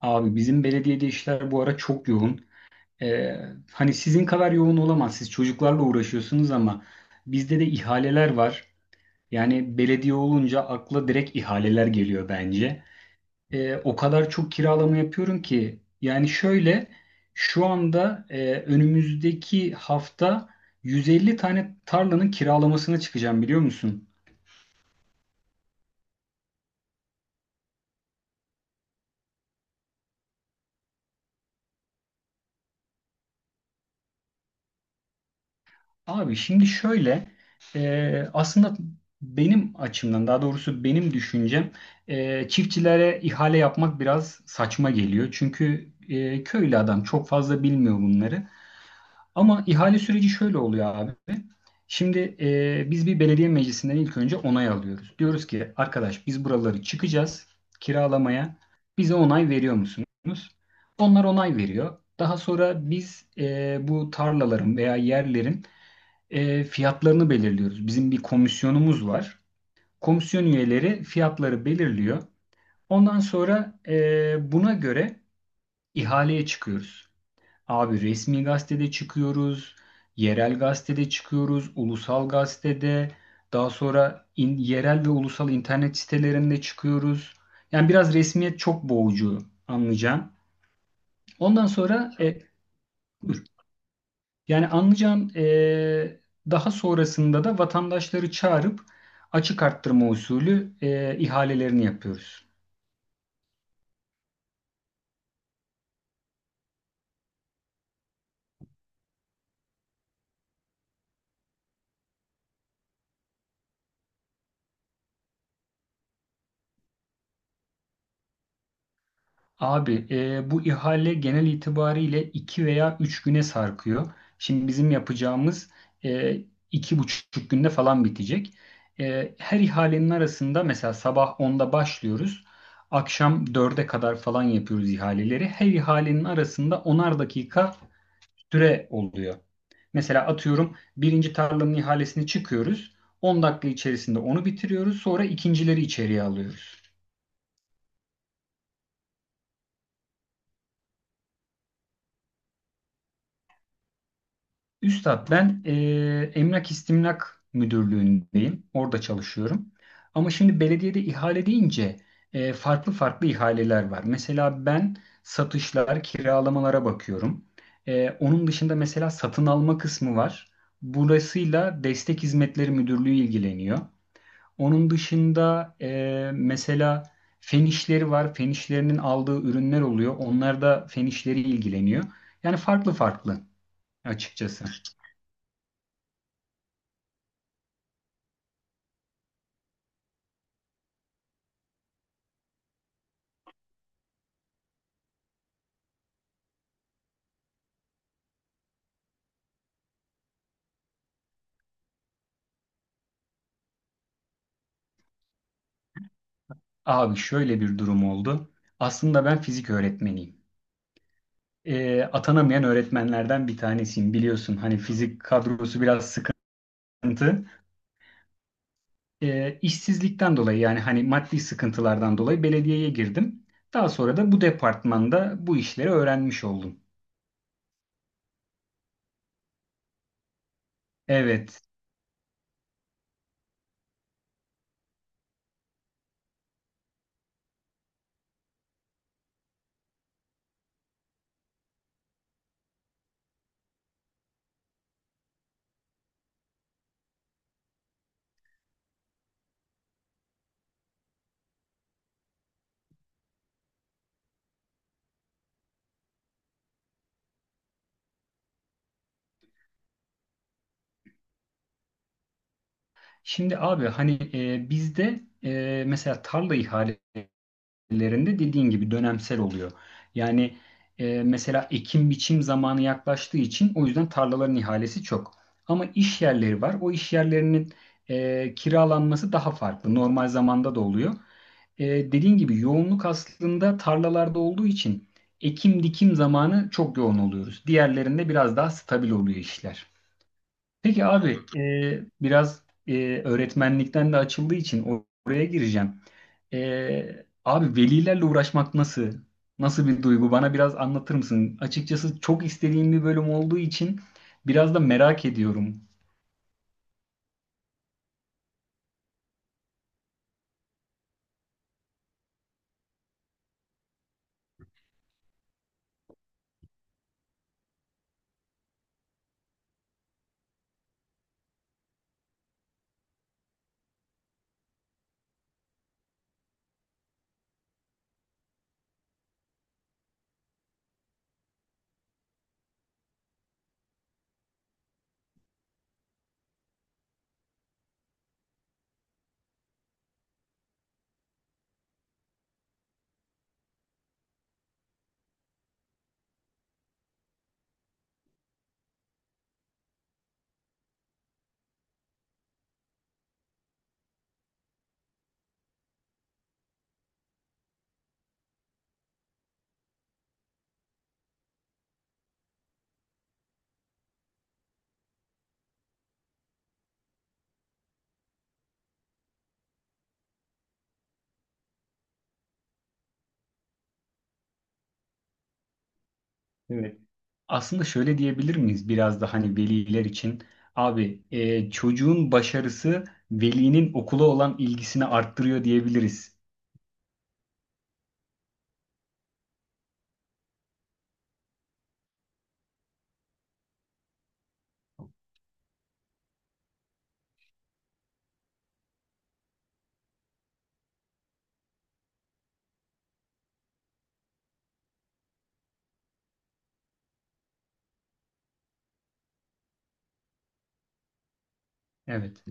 Abi bizim belediyede işler bu ara çok yoğun. Ee, hani sizin kadar yoğun olamaz. Siz çocuklarla uğraşıyorsunuz ama bizde de ihaleler var. Yani belediye olunca akla direkt ihaleler geliyor bence. O kadar çok kiralama yapıyorum ki. Yani şöyle şu anda önümüzdeki hafta 150 tane tarlanın kiralamasına çıkacağım biliyor musun? Abi şimdi şöyle aslında benim açımdan daha doğrusu benim düşüncem çiftçilere ihale yapmak biraz saçma geliyor. Çünkü köylü adam çok fazla bilmiyor bunları. Ama ihale süreci şöyle oluyor abi. Şimdi biz bir belediye meclisinden ilk önce onay alıyoruz. Diyoruz ki arkadaş biz buraları çıkacağız kiralamaya. Bize onay veriyor musunuz? Onlar onay veriyor. Daha sonra biz bu tarlaların veya yerlerin fiyatlarını belirliyoruz. Bizim bir komisyonumuz var. Komisyon üyeleri fiyatları belirliyor. Ondan sonra buna göre ihaleye çıkıyoruz. Abi resmi gazetede çıkıyoruz, yerel gazetede çıkıyoruz, ulusal gazetede, daha sonra yerel ve ulusal internet sitelerinde çıkıyoruz. Yani biraz resmiyet çok boğucu anlayacağım. Ondan sonra e, Yani anlayacağın, daha sonrasında da vatandaşları çağırıp açık arttırma usulü ihalelerini yapıyoruz. Abi, bu ihale genel itibariyle 2 veya 3 güne sarkıyor. Şimdi bizim yapacağımız eee, iki buçuk günde falan bitecek. Her ihalenin arasında mesela sabah onda başlıyoruz. Akşam dörde kadar falan yapıyoruz ihaleleri. Her ihalenin arasında onar dakika süre oluyor. Mesela atıyorum birinci tarlanın ihalesini çıkıyoruz. On dakika içerisinde onu bitiriyoruz. Sonra ikincileri içeriye alıyoruz. Üstad ben, Emlak İstimlak Müdürlüğü'ndeyim. Orada çalışıyorum. Ama şimdi belediyede ihale deyince farklı farklı ihaleler var. Mesela ben satışlar, kiralamalara bakıyorum. Onun dışında mesela satın alma kısmı var. Burasıyla Destek Hizmetleri Müdürlüğü ilgileniyor. Onun dışında mesela fen işleri var. Fen işlerinin aldığı ürünler oluyor. Onlar da fen işleri ilgileniyor. Yani farklı farklı açıkçası. Abi şöyle bir durum oldu. Aslında ben fizik öğretmeniyim. E, atanamayan öğretmenlerden bir tanesiyim. Biliyorsun hani fizik kadrosu biraz sıkıntı. E, işsizlikten dolayı yani hani maddi sıkıntılardan dolayı belediyeye girdim. Daha sonra da bu departmanda bu işleri öğrenmiş oldum. Evet. Şimdi abi hani bizde mesela tarla ihalelerinde dediğin gibi dönemsel oluyor. Yani mesela ekim biçim zamanı yaklaştığı için o yüzden tarlaların ihalesi çok. Ama iş yerleri var. O iş yerlerinin kiralanması daha farklı. Normal zamanda da oluyor. E, dediğin gibi yoğunluk aslında tarlalarda olduğu için ekim dikim zamanı çok yoğun oluyoruz. Diğerlerinde biraz daha stabil oluyor işler. Peki abi, biraz öğretmenlikten de açıldığı için oraya gireceğim. E, abi velilerle uğraşmak nasıl? Nasıl bir duygu? Bana biraz anlatır mısın? Açıkçası çok istediğim bir bölüm olduğu için biraz da merak ediyorum. Evet. Aslında şöyle diyebilir miyiz biraz da hani veliler için? Abi e, çocuğun başarısı velinin okula olan ilgisini arttırıyor diyebiliriz. Evet.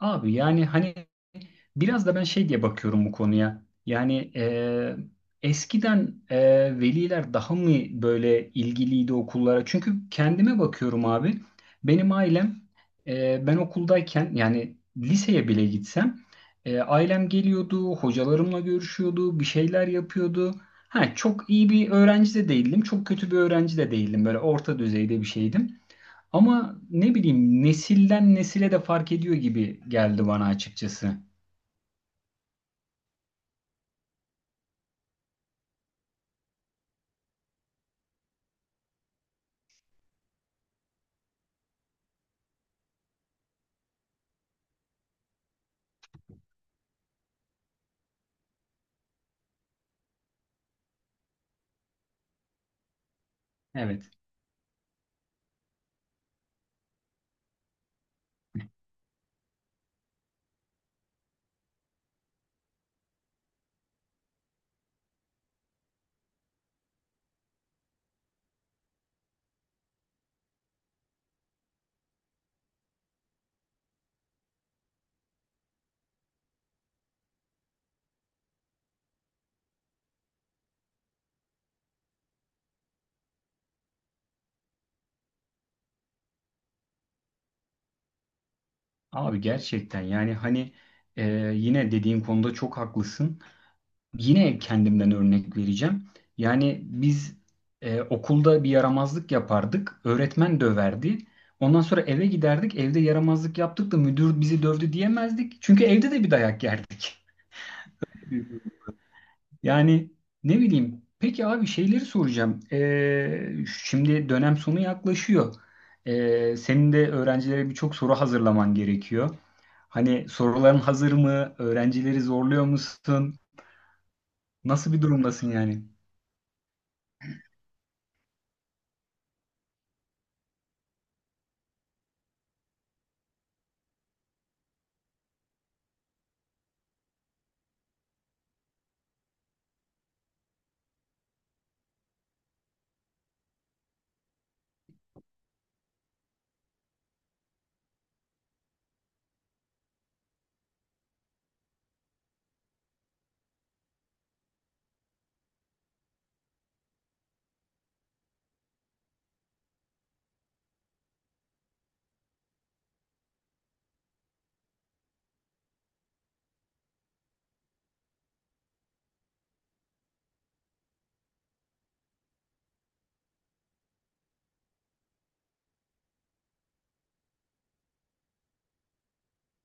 Abi yani hani biraz da ben şey diye bakıyorum bu konuya. Yani eskiden, veliler daha mı böyle ilgiliydi okullara? Çünkü kendime bakıyorum abi. Benim ailem, ben okuldayken yani liseye bile gitsem ailem geliyordu, hocalarımla görüşüyordu, bir şeyler yapıyordu. Ha, çok iyi bir öğrenci de değildim, çok kötü bir öğrenci de değildim. Böyle orta düzeyde bir şeydim. Ama ne bileyim nesilden nesile de fark ediyor gibi geldi bana açıkçası. Evet. Abi gerçekten yani hani e, yine dediğin konuda çok haklısın. Yine kendimden örnek vereceğim. Yani biz okulda bir yaramazlık yapardık. Öğretmen döverdi. Ondan sonra eve giderdik. Evde yaramazlık yaptık da müdür bizi dövdü diyemezdik. Çünkü evde de bir dayak yerdik. Yani ne bileyim. Peki abi şeyleri soracağım. Şimdi dönem sonu yaklaşıyor. Senin de öğrencilere birçok soru hazırlaman gerekiyor. Hani soruların hazır mı? Öğrencileri zorluyor musun? Nasıl bir durumdasın yani?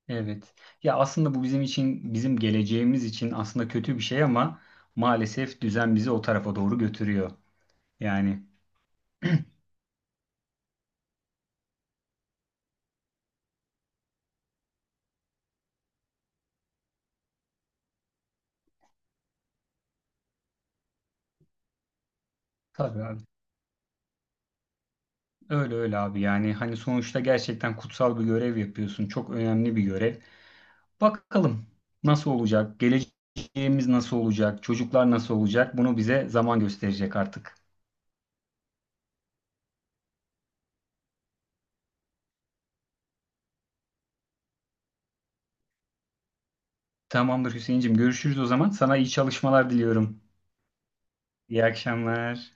Evet. Ya aslında bu bizim için, bizim geleceğimiz için aslında kötü bir şey ama maalesef düzen bizi o tarafa doğru götürüyor. Yani tabii abi. Öyle öyle abi. Yani hani sonuçta gerçekten kutsal bir görev yapıyorsun. Çok önemli bir görev. Bakalım nasıl olacak, geleceğimiz nasıl olacak, çocuklar nasıl olacak bunu bize zaman gösterecek artık. Tamamdır Hüseyincim, görüşürüz o zaman. Sana iyi çalışmalar diliyorum. İyi akşamlar.